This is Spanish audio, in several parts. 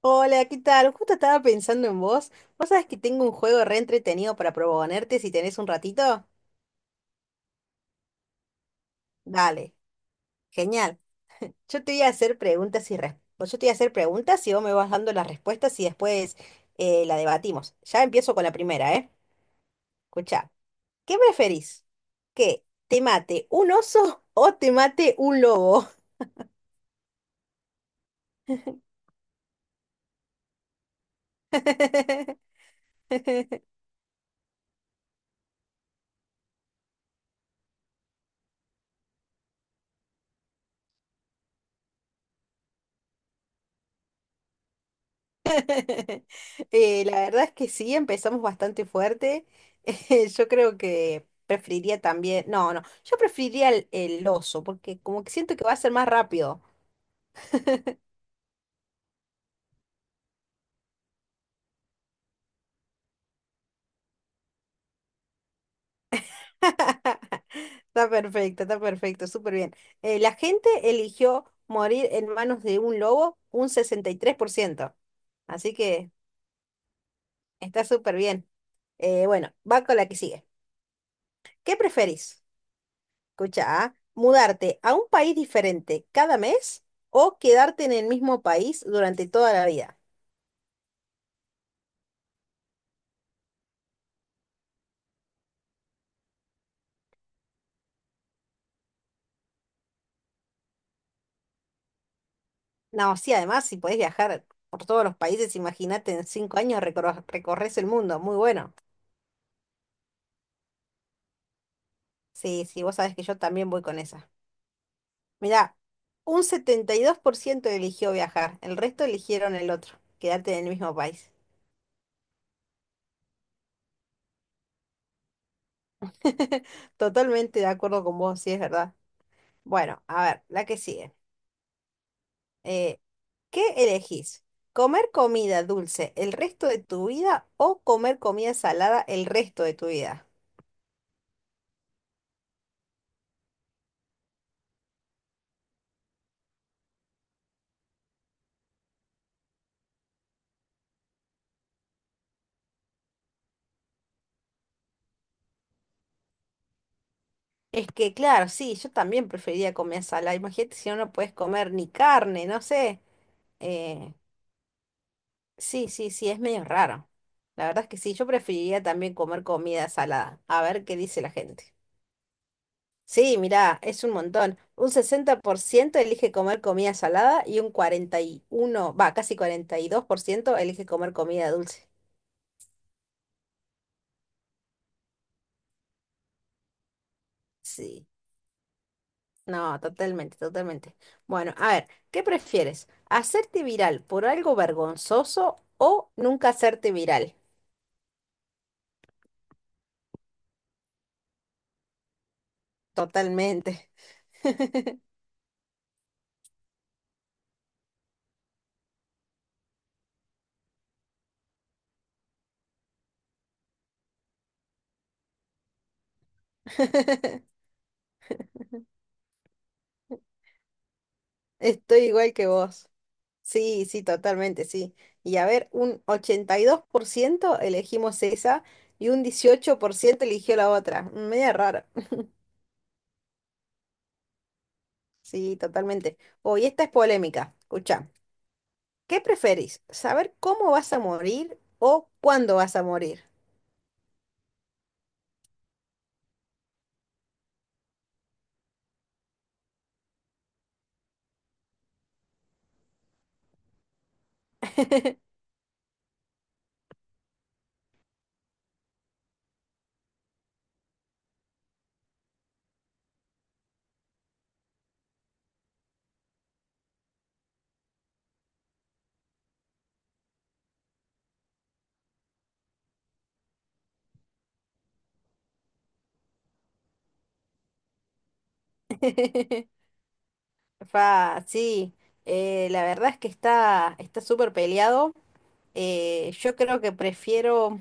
Hola, ¿qué tal? Justo estaba pensando en vos. ¿Vos sabés que tengo un juego re entretenido para proponerte si tenés un ratito? Dale, genial. Yo te voy a hacer preguntas y Yo te voy a hacer preguntas y vos me vas dando las respuestas y después la debatimos. Ya empiezo con la primera, ¿eh? Escuchá, ¿qué preferís? ¿Que te mate un oso o te mate un lobo? La verdad es que sí, empezamos bastante fuerte. Yo creo que preferiría también, no, no, yo preferiría el oso, porque como que siento que va a ser más rápido. Está perfecto, súper bien. La gente eligió morir en manos de un lobo un 63%, así que está súper bien. Bueno, va con la que sigue. ¿Qué preferís? Escucha, ¿ah? ¿Mudarte a un país diferente cada mes o quedarte en el mismo país durante toda la vida? No, sí, además, si podés viajar por todos los países, imagínate, en 5 años recorres el mundo, muy bueno. Sí, sí, vos sabés que yo también voy con esa. Mirá, un 72% eligió viajar, el resto eligieron el otro, quedarte en el mismo país. Totalmente de acuerdo con vos, sí, es verdad. Bueno, a ver, la que sigue. Eh, ¿Qué elegís? ¿Comer comida dulce el resto de tu vida o comer comida salada el resto de tu vida? Es que, claro, sí, yo también preferiría comer salada. Imagínate si no, no puedes comer ni carne, no sé. Eh, sí, sí, sí, es medio raro. La verdad es que sí, yo preferiría también comer comida salada. A ver qué dice la gente. Sí, mirá, es un montón. Un 60% elige comer comida salada y un 41 va, casi 42% elige comer comida dulce. Sí, no, totalmente, totalmente. Bueno, a ver, ¿qué prefieres? ¿Hacerte viral por algo vergonzoso o nunca hacerte viral? Totalmente. Estoy igual que vos. Sí, sí, totalmente, sí. Y a ver, un 82% elegimos esa y un 18% eligió la otra. Media raro. Sí, totalmente. Oh, y esta es polémica. Escucha, ¿qué preferís? ¿Saber cómo vas a morir o cuándo vas a morir? Fa, sí, la verdad es que está súper peleado. Yo creo que prefiero,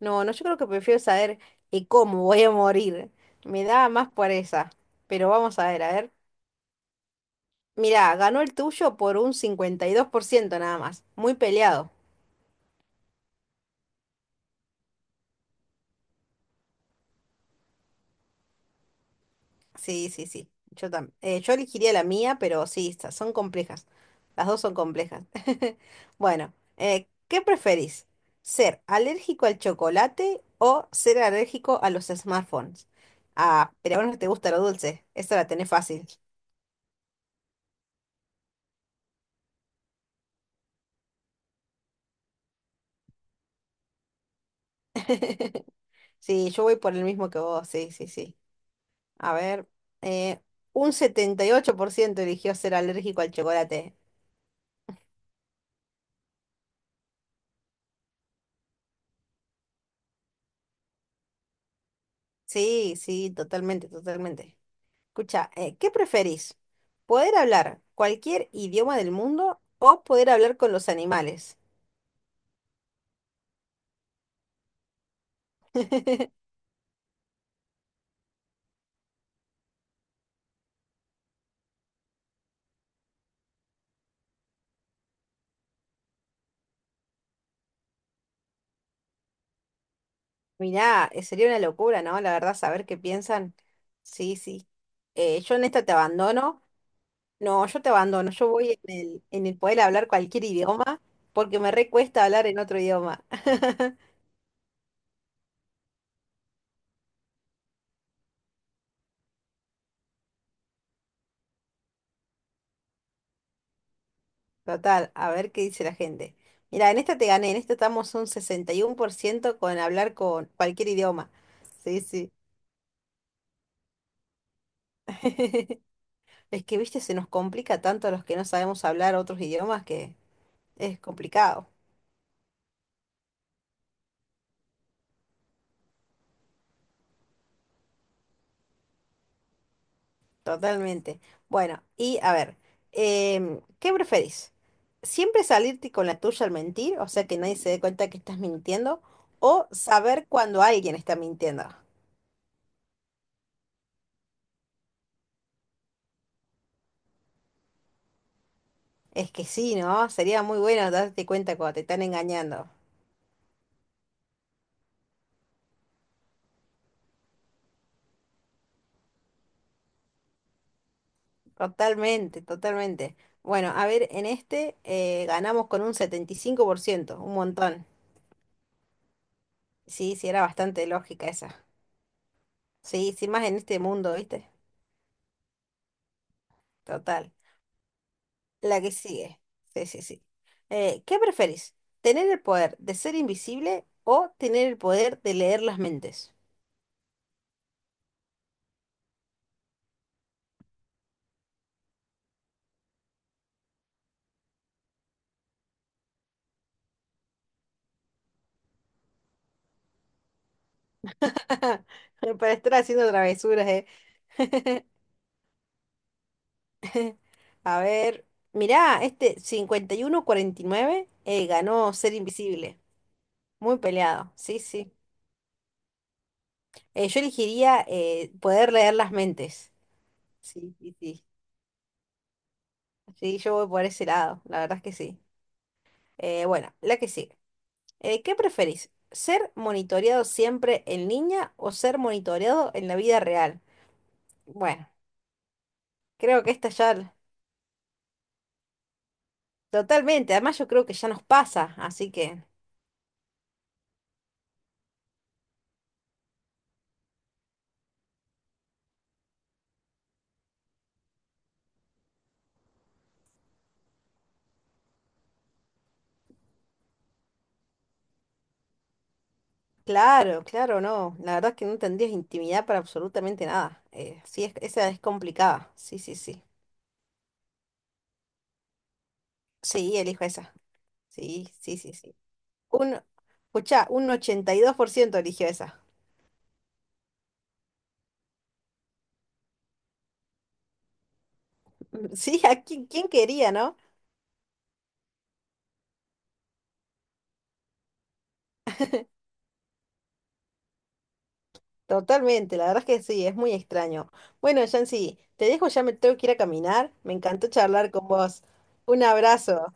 no, no, yo creo que prefiero saber cómo voy a morir. Me da más por esa. Pero vamos a ver, a ver. Mirá, ganó el tuyo por un 52% nada más. Muy peleado. Sí, sí, sí. Yo también. Yo elegiría la mía, pero sí, estas son complejas. Las dos son complejas. Bueno, ¿qué preferís? ¿Ser alérgico al chocolate o ser alérgico a los smartphones? Ah, pero a vos no te gusta lo dulce. Esta la tenés fácil. Sí, yo voy por el mismo que vos. Sí, sí, sí. A ver, eh, un 78% eligió ser alérgico al chocolate. Sí, sí, totalmente, totalmente. Escucha, ¿qué preferís? ¿Poder hablar cualquier idioma del mundo o poder hablar con los animales? Mirá, sería una locura, ¿no? La verdad, saber qué piensan. Sí, sí. Yo en esta te abandono. No, yo te abandono. Yo voy en el poder hablar cualquier idioma porque me recuesta hablar en otro idioma. Total, a ver qué dice la gente. Mira, en esta te gané. En esta estamos un 61% con hablar con cualquier idioma. Sí, sí. Es que, viste, se nos complica tanto a los que no sabemos hablar otros idiomas que es complicado, totalmente. Bueno, y a ver, ¿qué preferís? ¿Siempre salirte con la tuya al mentir? O sea, que nadie se dé cuenta que estás mintiendo. ¿O saber cuando alguien está mintiendo? Es que sí, ¿no? Sería muy bueno darte cuenta cuando te están engañando. Totalmente, totalmente. Bueno, a ver, en este ganamos con un 75% un montón. Sí, sí, era bastante lógica esa. Sí, sí, más en este mundo, ¿viste? Total. La que sigue. Sí, sí, sí. ¿Qué preferís? ¿Tener el poder de ser invisible o tener el poder de leer las mentes? Para estar haciendo travesuras, ¿eh? A ver, mirá, este cincuenta y 49 ganó ser invisible. Muy peleado, sí, sí. Yo elegiría poder leer las mentes. Sí, sí, sí. Sí, yo voy por ese lado, la verdad es que sí. Bueno, la que sigue. ¿Qué preferís? ¿Ser monitoreado siempre en línea o ser monitoreado en la vida real? Bueno, creo que esta ya totalmente, además yo creo que ya nos pasa, así que claro, claro, no, la verdad es que no tendrías intimidad para absolutamente nada. Sí, esa es complicada, sí, sí, sí. Sí, elijo esa, sí, sí, sí, sí. Un, escuchá, un 82% eligió esa. Sí, ¿a quién quería, no? Totalmente, la verdad es que sí, es muy extraño. Bueno, Yancy, te dejo, ya me tengo que ir a caminar. Me encantó charlar con vos. Un abrazo.